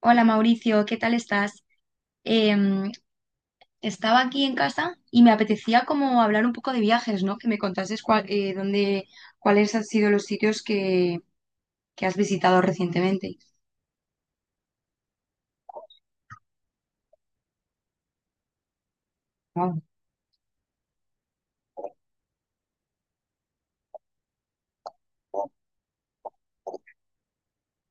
Hola Mauricio, ¿qué tal estás? Em, estaba aquí en casa y me apetecía como hablar un poco de viajes, ¿no? Que me contases cuál, dónde, cuáles han sido los sitios que, has visitado recientemente. Wow,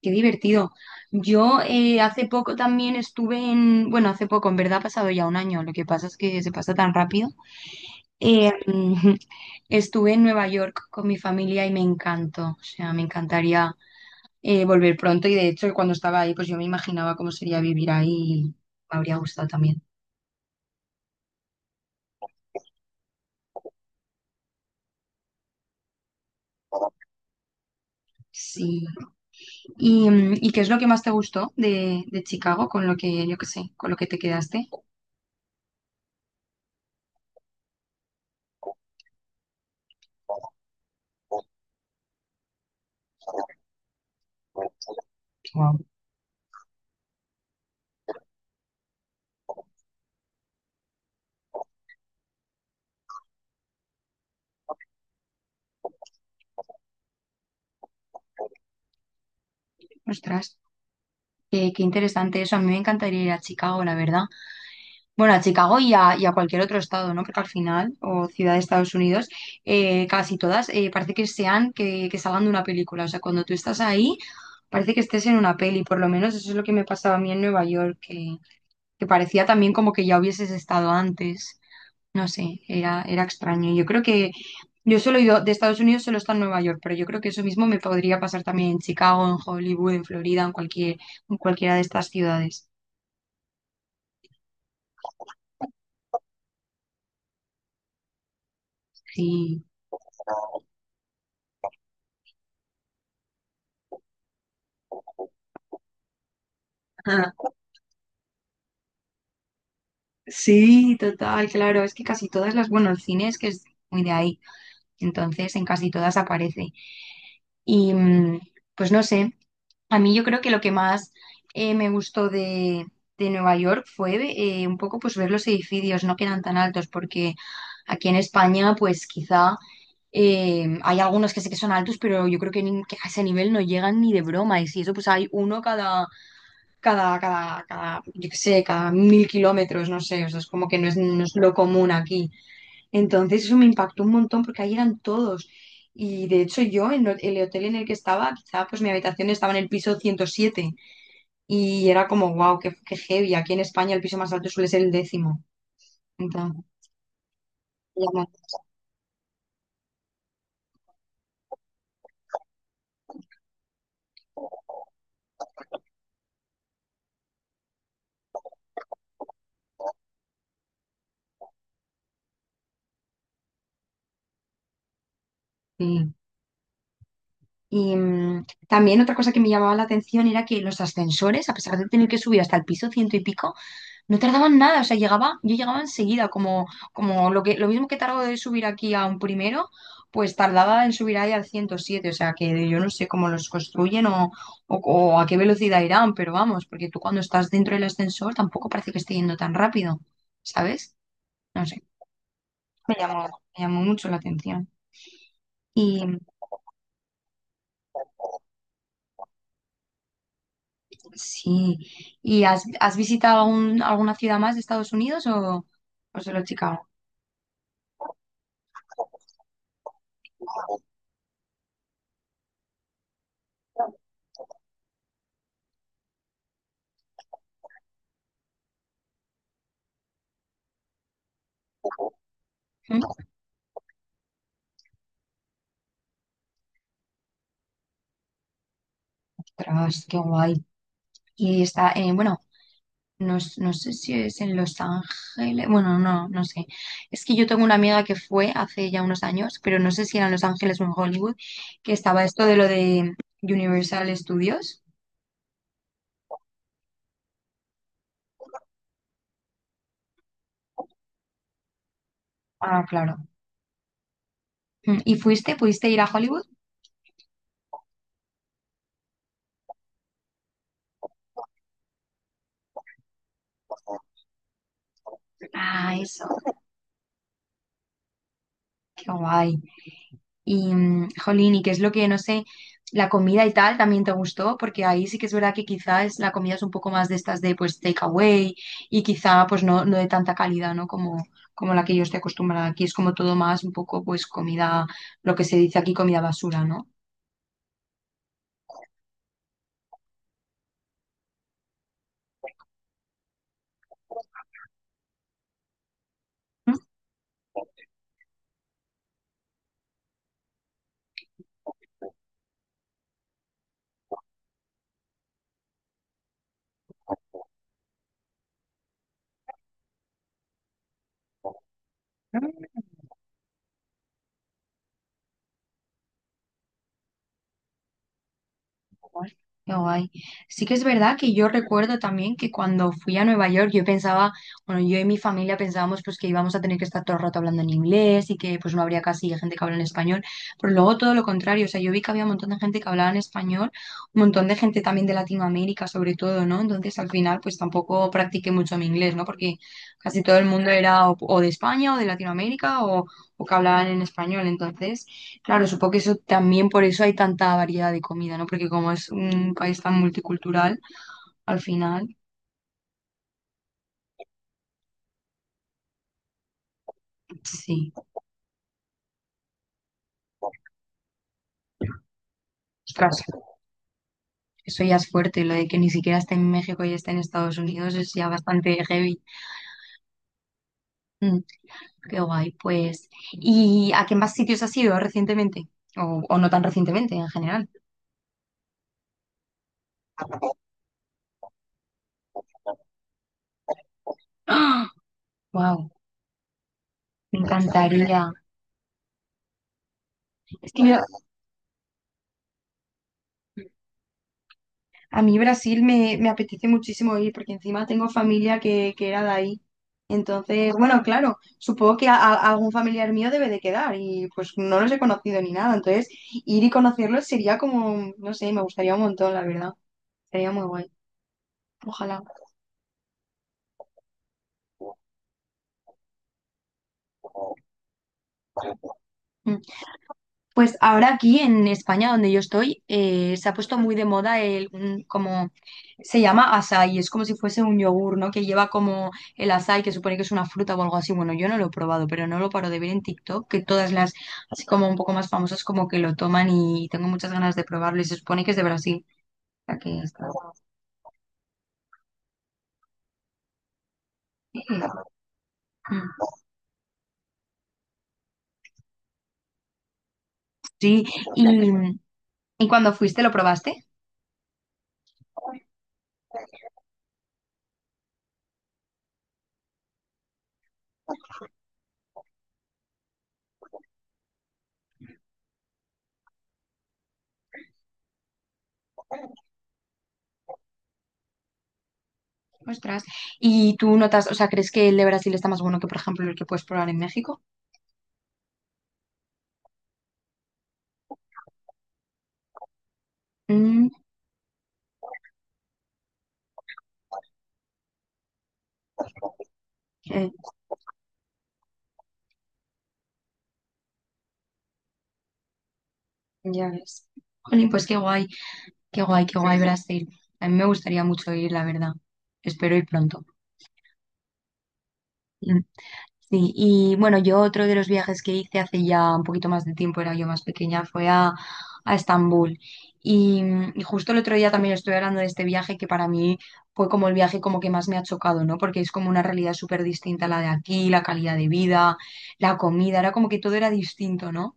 qué divertido. Yo hace poco también estuve en, bueno, hace poco, en verdad ha pasado ya un año, lo que pasa es que se pasa tan rápido. Em, estuve en Nueva York con mi familia y me encantó, o sea, me encantaría volver pronto y de hecho cuando estaba ahí pues yo me imaginaba cómo sería vivir ahí y me habría gustado también. Sí. ¿Y qué es lo que más te gustó de, Chicago con lo que, yo qué sé, con lo que te quedaste? Wow. Ostras, qué, interesante eso. A mí me encantaría ir a Chicago, la verdad. Bueno, a Chicago y a, cualquier otro estado, ¿no? Porque al final, o ciudad de Estados Unidos, casi todas parece que sean que, salgan de una película. O sea, cuando tú estás ahí... Parece que estés en una peli, por lo menos eso es lo que me pasaba a mí en Nueva York, que, parecía también como que ya hubieses estado antes. No sé, era, extraño. Yo creo que yo solo he ido de Estados Unidos, solo está en Nueva York, pero yo creo que eso mismo me podría pasar también en Chicago, en Hollywood, en Florida, en cualquiera de estas ciudades. Sí. Ah, sí, total, claro. Es que casi todas las, bueno, el cine es que es muy de ahí. Entonces, en casi todas aparece. Y pues no sé. A mí yo creo que lo que más me gustó de, Nueva York fue un poco pues ver los edificios, no quedan tan altos, porque aquí en España pues quizá hay algunos que sé que son altos, pero yo creo que, que a ese nivel no llegan ni de broma, y si eso pues hay uno cada, yo qué sé, cada 1.000 kilómetros, no sé, o sea, es como que no es lo común aquí. Entonces eso me impactó un montón porque ahí eran todos. Y de hecho yo en el hotel en el que estaba, quizá pues mi habitación estaba en el piso 107 y era como, wow, qué, heavy. Aquí en España el piso más alto suele ser el décimo. Entonces, ya no- sí. Y también otra cosa que me llamaba la atención era que los ascensores, a pesar de tener que subir hasta el piso ciento y pico, no tardaban nada. O sea, yo llegaba enseguida, como, lo mismo que tardó de subir aquí a un primero, pues tardaba en subir ahí al 107. O sea, que yo no sé cómo los construyen o, o a qué velocidad irán, pero vamos, porque tú cuando estás dentro del ascensor tampoco parece que esté yendo tan rápido, ¿sabes? No sé. Me llamó, me llamó mucho la atención. Y sí, ¿y has, visitado alguna ciudad más de Estados Unidos o, solo Chicago? ¿Mm? Ostras, qué guay. Y está, bueno, no, no sé si es en Los Ángeles, bueno, no, no sé. Es que yo tengo una amiga que fue hace ya unos años, pero no sé si era en Los Ángeles o en Hollywood, que estaba esto de lo de Universal Studios. Ah, claro. ¿Y fuiste? ¿Pudiste ir a Hollywood? Ah, eso, qué guay. Y, jolín, ¿y qué es lo que, no sé, la comida y tal también te gustó? Porque ahí sí que es verdad que quizás la comida es un poco más de estas de, pues, takeaway y quizá, pues, no, no de tanta calidad, ¿no? Como la que yo estoy acostumbrada. Aquí es como todo más un poco, pues, comida, lo que se dice aquí, comida basura, ¿no? Guay, qué guay. Sí que es verdad que yo recuerdo también que cuando fui a Nueva York yo pensaba, bueno, yo y mi familia pensábamos pues que íbamos a tener que estar todo el rato hablando en inglés y que pues no habría casi gente que habla en español, pero luego todo lo contrario, o sea, yo vi que había un montón de gente que hablaba en español, un montón de gente también de Latinoamérica sobre todo, ¿no? Entonces al final pues tampoco practiqué mucho mi inglés, ¿no? Porque casi todo el mundo era o, de España o de Latinoamérica o, que hablaban en español, entonces... Claro, supongo que eso también por eso hay tanta variedad de comida, ¿no? Porque como es un país tan multicultural, al final, sí. Ostras, eso ya es fuerte, lo de que ni siquiera esté en México y esté en Estados Unidos es ya bastante heavy. Mm, qué guay, pues. ¿Y a qué más sitios has ido recientemente? O, no tan recientemente, en general. ¡Ah! ¡Wow! Me encantaría. Es que yo, a mí Brasil me, apetece muchísimo ir porque encima tengo familia que, era de ahí. Entonces, bueno, claro, supongo que algún familiar mío debe de quedar y pues no los he conocido ni nada. Entonces, ir y conocerlos sería como, no sé, me gustaría un montón, la verdad. Sería muy guay. Ojalá. Mm. Pues ahora aquí en España, donde yo estoy, se ha puesto muy de moda el, como se llama açaí, es como si fuese un yogur, ¿no? Que lleva como el açaí, que supone que es una fruta o algo así. Bueno, yo no lo he probado, pero no lo paro de ver en TikTok, que todas las, así como un poco más famosas, como que lo toman y tengo muchas ganas de probarlo y se supone que es de Brasil. O sea que está- Mm, sí, y, cuando fuiste, ¿lo probaste? Ostras. ¿Y tú notas, o sea, crees que el de Brasil está más bueno que, por ejemplo, el que puedes probar en México? Mm, eh, Ya ves. Jolín, pues qué guay, qué guay, qué guay Brasil. A mí me gustaría mucho ir, la verdad. Espero ir pronto. Mm, Sí, y bueno, yo otro de los viajes que hice hace ya un poquito más de tiempo, era yo más pequeña, fue a, Estambul. Y justo el otro día también estuve hablando de este viaje que para mí fue como el viaje como que más me ha chocado, ¿no? Porque es como una realidad súper distinta a la de aquí, la calidad de vida, la comida, era como que todo era distinto, ¿no?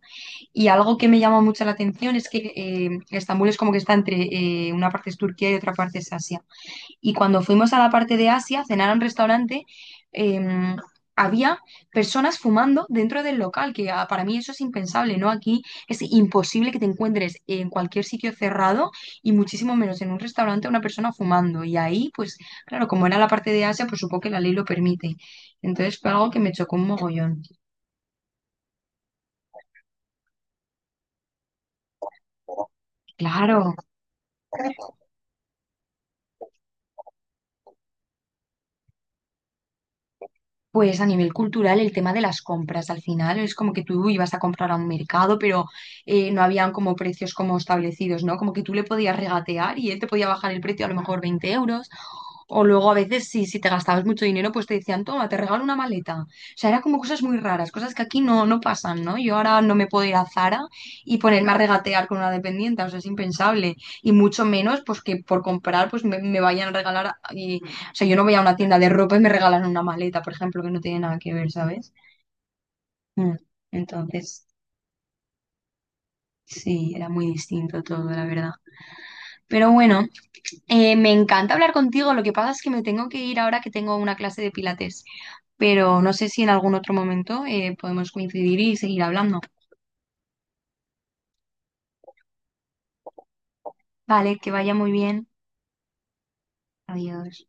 Y algo que me llama mucho la atención es que Estambul es como que está entre una parte es Turquía y otra parte es Asia. Y cuando fuimos a la parte de Asia, a cenar a un restaurante, eh, había personas fumando dentro del local, que ah, para mí eso es impensable, ¿no? Aquí es imposible que te encuentres en cualquier sitio cerrado y muchísimo menos en un restaurante una persona fumando. Y ahí, pues claro, como era la parte de Asia, pues supongo que la ley lo permite. Entonces fue algo que me chocó un mogollón. Claro. Pues a nivel cultural, el tema de las compras, al final es como que tú ibas a comprar a un mercado, pero no habían como precios como establecidos, ¿no? Como que tú le podías regatear y él te podía bajar el precio a lo mejor 20 euros. O luego a veces si te gastabas mucho dinero, pues te decían, toma, te regalo una maleta. O sea, eran como cosas muy raras, cosas que aquí no, no pasan, ¿no? Yo ahora no me puedo ir a Zara y ponerme a regatear con una dependiente, o sea, es impensable. Y mucho menos, pues que por comprar, pues me vayan a regalar. Y, o sea, yo no voy a una tienda de ropa y me regalan una maleta, por ejemplo, que no tiene nada que ver, ¿sabes? Mm. Entonces, sí, era muy distinto todo, la verdad. Pero bueno, me encanta hablar contigo. Lo que pasa es que me tengo que ir ahora que tengo una clase de pilates. Pero no sé si en algún otro momento podemos coincidir y seguir hablando. Vale, que vaya muy bien. Adiós.